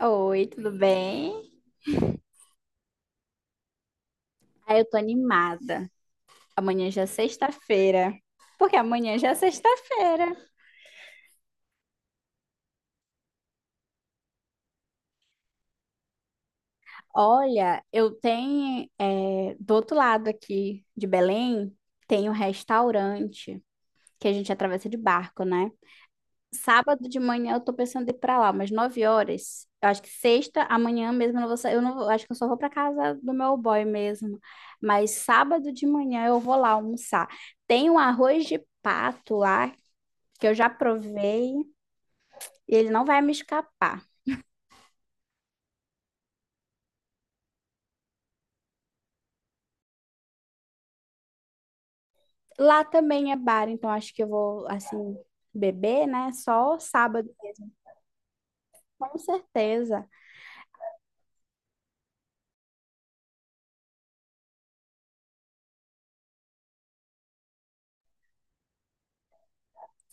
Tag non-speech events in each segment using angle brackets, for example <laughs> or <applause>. Oi, tudo bem? Ah, eu tô animada. Amanhã já é sexta-feira. Porque amanhã já é sexta-feira. Olha, eu tenho, do outro lado aqui de Belém, tem um restaurante que a gente atravessa de barco, né? Sábado de manhã eu tô pensando em ir pra lá, umas 9 horas. Eu acho que sexta, amanhã mesmo eu não vou sair. Eu não vou- Acho que eu só vou pra casa do meu boy mesmo. Mas sábado de manhã eu vou lá almoçar. Tem um arroz de pato lá que eu já provei e ele não vai me escapar. Lá também é bar, então acho que eu vou, assim, beber, né? Só sábado, com certeza.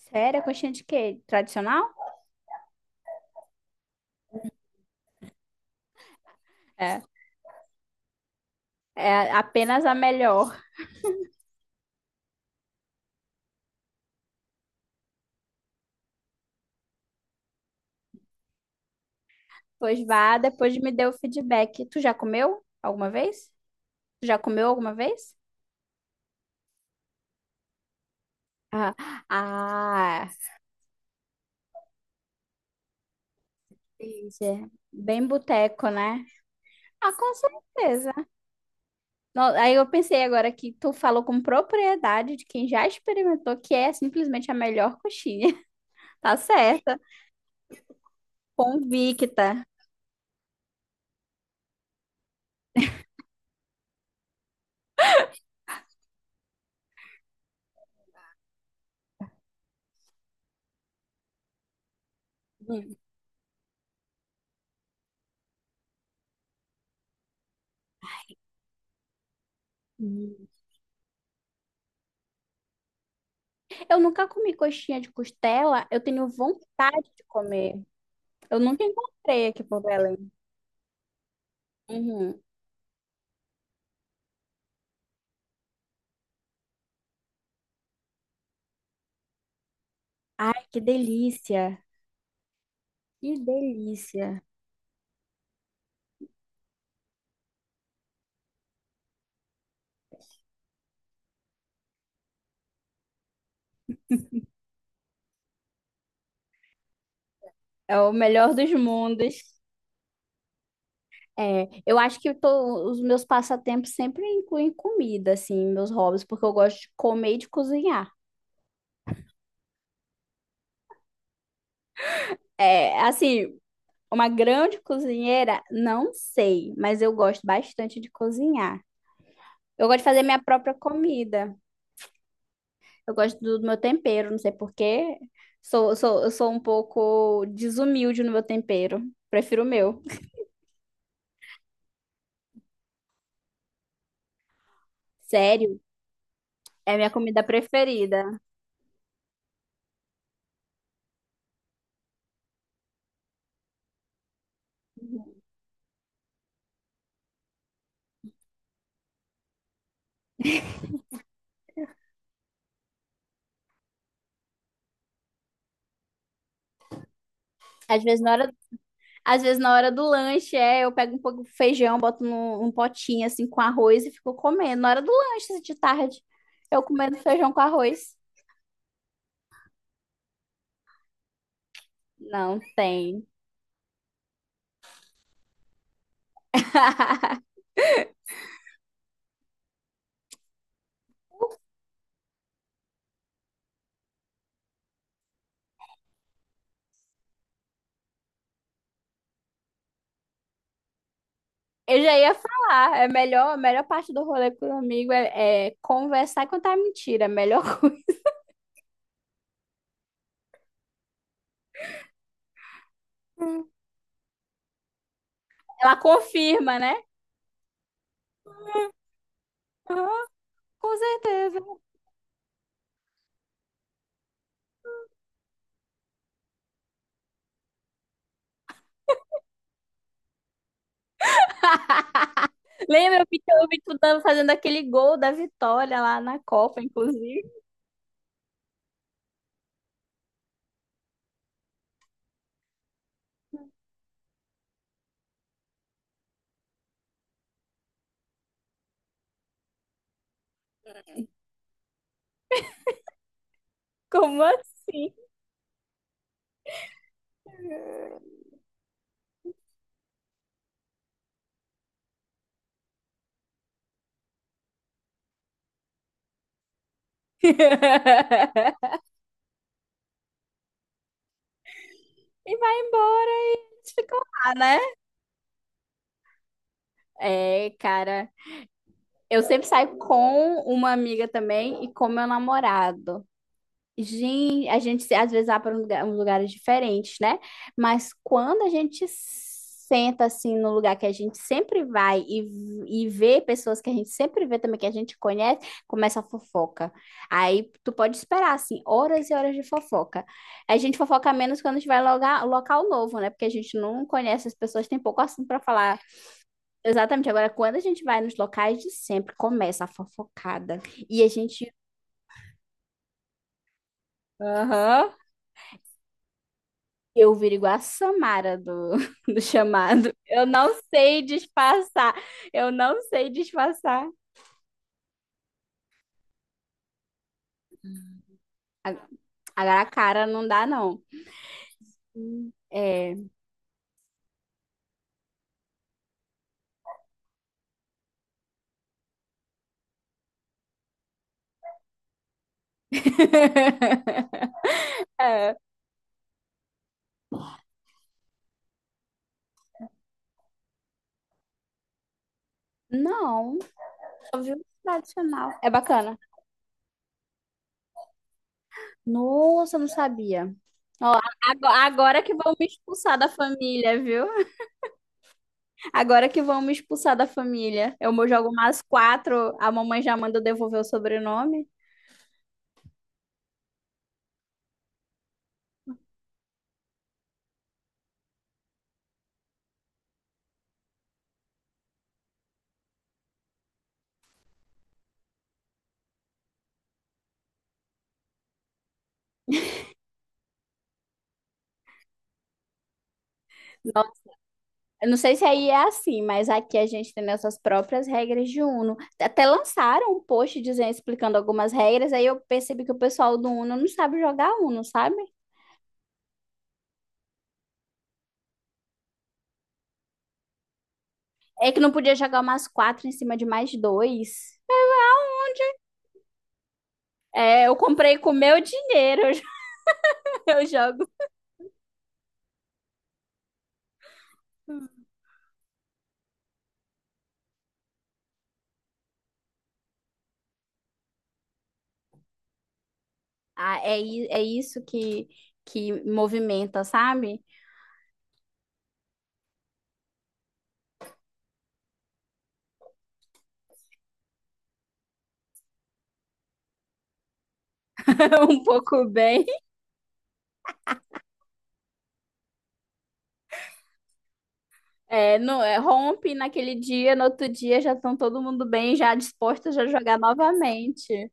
Sério, coxinha de queijo tradicional? É. É apenas a melhor. Pois vá, depois me dê o feedback. Tu já comeu alguma vez? Tu já comeu alguma vez? Ah, ah, entendi. Bem boteco, né? Ah, com certeza. Aí eu pensei agora que tu falou com propriedade de quem já experimentou que é simplesmente a melhor coxinha. <laughs> Tá certa, convicta. Hum. Eu nunca comi coxinha de costela, eu tenho vontade de comer. Eu nunca encontrei aqui por Belém. Uhum. Ai, que delícia! Que delícia! É o melhor dos mundos. Eu acho que os meus passatempos sempre incluem comida, assim, meus hobbies, porque eu gosto de comer e de cozinhar. É, assim, uma grande cozinheira? Não sei, mas eu gosto bastante de cozinhar. Eu gosto de fazer minha própria comida. Eu gosto do meu tempero, não sei por quê. Eu sou um pouco desumilde no meu tempero. Prefiro o meu. Sério, é a minha comida preferida. Às vezes na hora, às vezes na hora do lanche, é, eu pego um pouco de feijão, boto num potinho assim com arroz e fico comendo. Na hora do lanche assim, de tarde, eu comendo feijão com arroz. Não tem. <laughs> Eu já ia falar, é melhor, a melhor parte do rolê com o amigo é conversar e contar mentira, a melhor <laughs> coisa. Hum. Ela confirma, né? Ah, com certeza. Lembra eu vi fazendo aquele gol da vitória lá na Copa, inclusive? Como assim? <laughs> E vai embora e eles ficam lá, né? É, cara, eu sempre saio com uma amiga também e com meu namorado. Gente, a gente se- às vezes vai para uns lugares diferentes, né? Mas quando a gente senta assim no lugar que a gente sempre vai e vê pessoas que a gente sempre vê também, que a gente conhece, começa a fofoca. Aí tu pode esperar, assim, horas e horas de fofoca. A gente fofoca menos quando a gente vai logar, local novo, né? Porque a gente não conhece as pessoas, tem pouco assunto para falar. Exatamente. Agora, quando a gente vai nos locais de sempre, começa a fofocada. E a gente. Aham. Eu viro igual a Samara <laughs> do chamado. Eu não sei disfarçar. Eu não sei disfarçar. Agora a cara não dá, não. É. <laughs> É. Não, só vi o tradicional. É bacana. Nossa, eu não sabia. Ó, agora que vão me expulsar da família, viu? Agora que vão me expulsar da família. Eu jogo mais quatro, a mamãe já manda eu devolver o sobrenome. Eu não sei se aí é assim, mas aqui a gente tem nossas próprias regras de Uno. Até lançaram um post dizendo, explicando algumas regras, aí eu percebi que o pessoal do Uno não sabe jogar Uno, sabe? É que não podia jogar umas quatro em cima de mais dois. É, eu comprei com meu dinheiro, <laughs> eu jogo. É isso que movimenta, sabe? <laughs> Um pouco bem. É, não, é, rompe naquele dia, no outro dia já estão todo mundo bem, já dispostos a jogar novamente.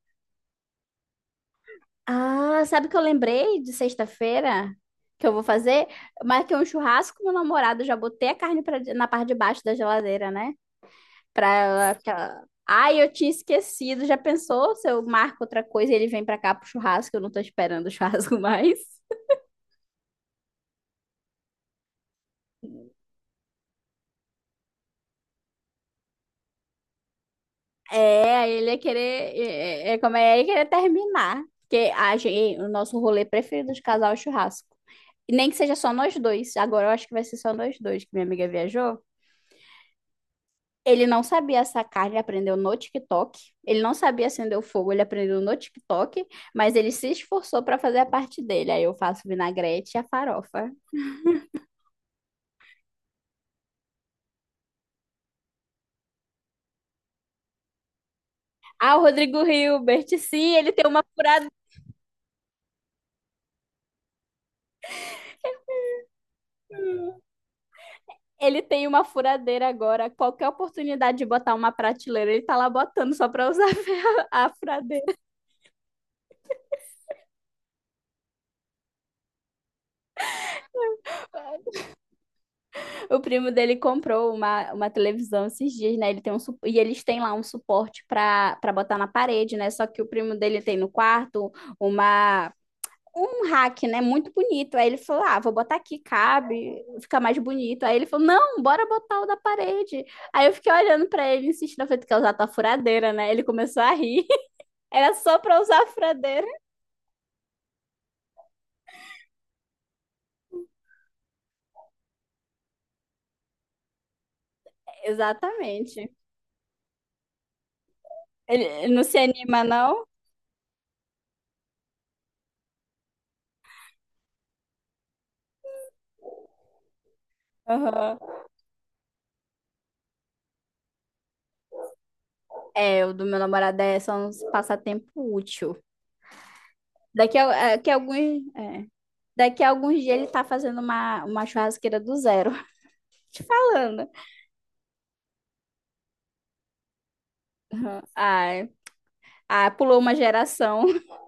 Ah, sabe o que eu lembrei de sexta-feira que eu vou fazer? Marquei um churrasco com meu namorado, já botei a carne na parte de baixo da geladeira, né? Pra ela. Ai, eu tinha esquecido. Já pensou se eu marco outra coisa e ele vem pra cá pro churrasco? Eu não tô esperando o churrasco <laughs> mais. É, aí ele ia querer. É, como é, ele ia querer terminar. Porque a gente, o nosso rolê preferido de casal é o churrasco. E nem que seja só nós dois. Agora eu acho que vai ser só nós dois, que minha amiga viajou. Ele não sabia sacar, ele aprendeu no TikTok. Ele não sabia acender o fogo, ele aprendeu no TikTok, mas ele se esforçou para fazer a parte dele. Aí eu faço vinagrete e a farofa. Ah, o Rodrigo Hilbert, sim, ele tem uma furadeira. Ele tem uma furadeira agora. Qualquer oportunidade de botar uma prateleira, ele tá lá botando só para usar <laughs> a furadeira. O primo dele comprou uma televisão esses dias, né? Ele tem e eles têm lá um suporte para botar na parede, né? Só que o primo dele tem no quarto uma um rack, né? Muito bonito. Aí ele falou: "Ah, vou botar aqui, cabe, fica mais bonito". Aí ele falou: "Não, bora botar o da parede". Aí eu fiquei olhando para ele, insistindo, eu falei: "Tu quer usar tua furadeira, né?". Ele começou a rir. <laughs> Era só para usar a furadeira. Exatamente. Ele não se anima, não? Aham. É, o do meu namorado é só um passatempo útil. Daqui que alguns, é. Daqui a alguns dias ele tá fazendo uma churrasqueira do zero. <laughs> Falando. Uhum. Ai, pulou uma geração. <laughs>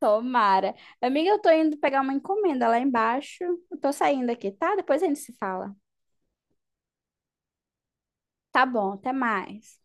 Tomara. Amiga, eu tô indo pegar uma encomenda lá embaixo. Eu tô saindo aqui, tá? Depois a gente se fala. Tá bom, até mais.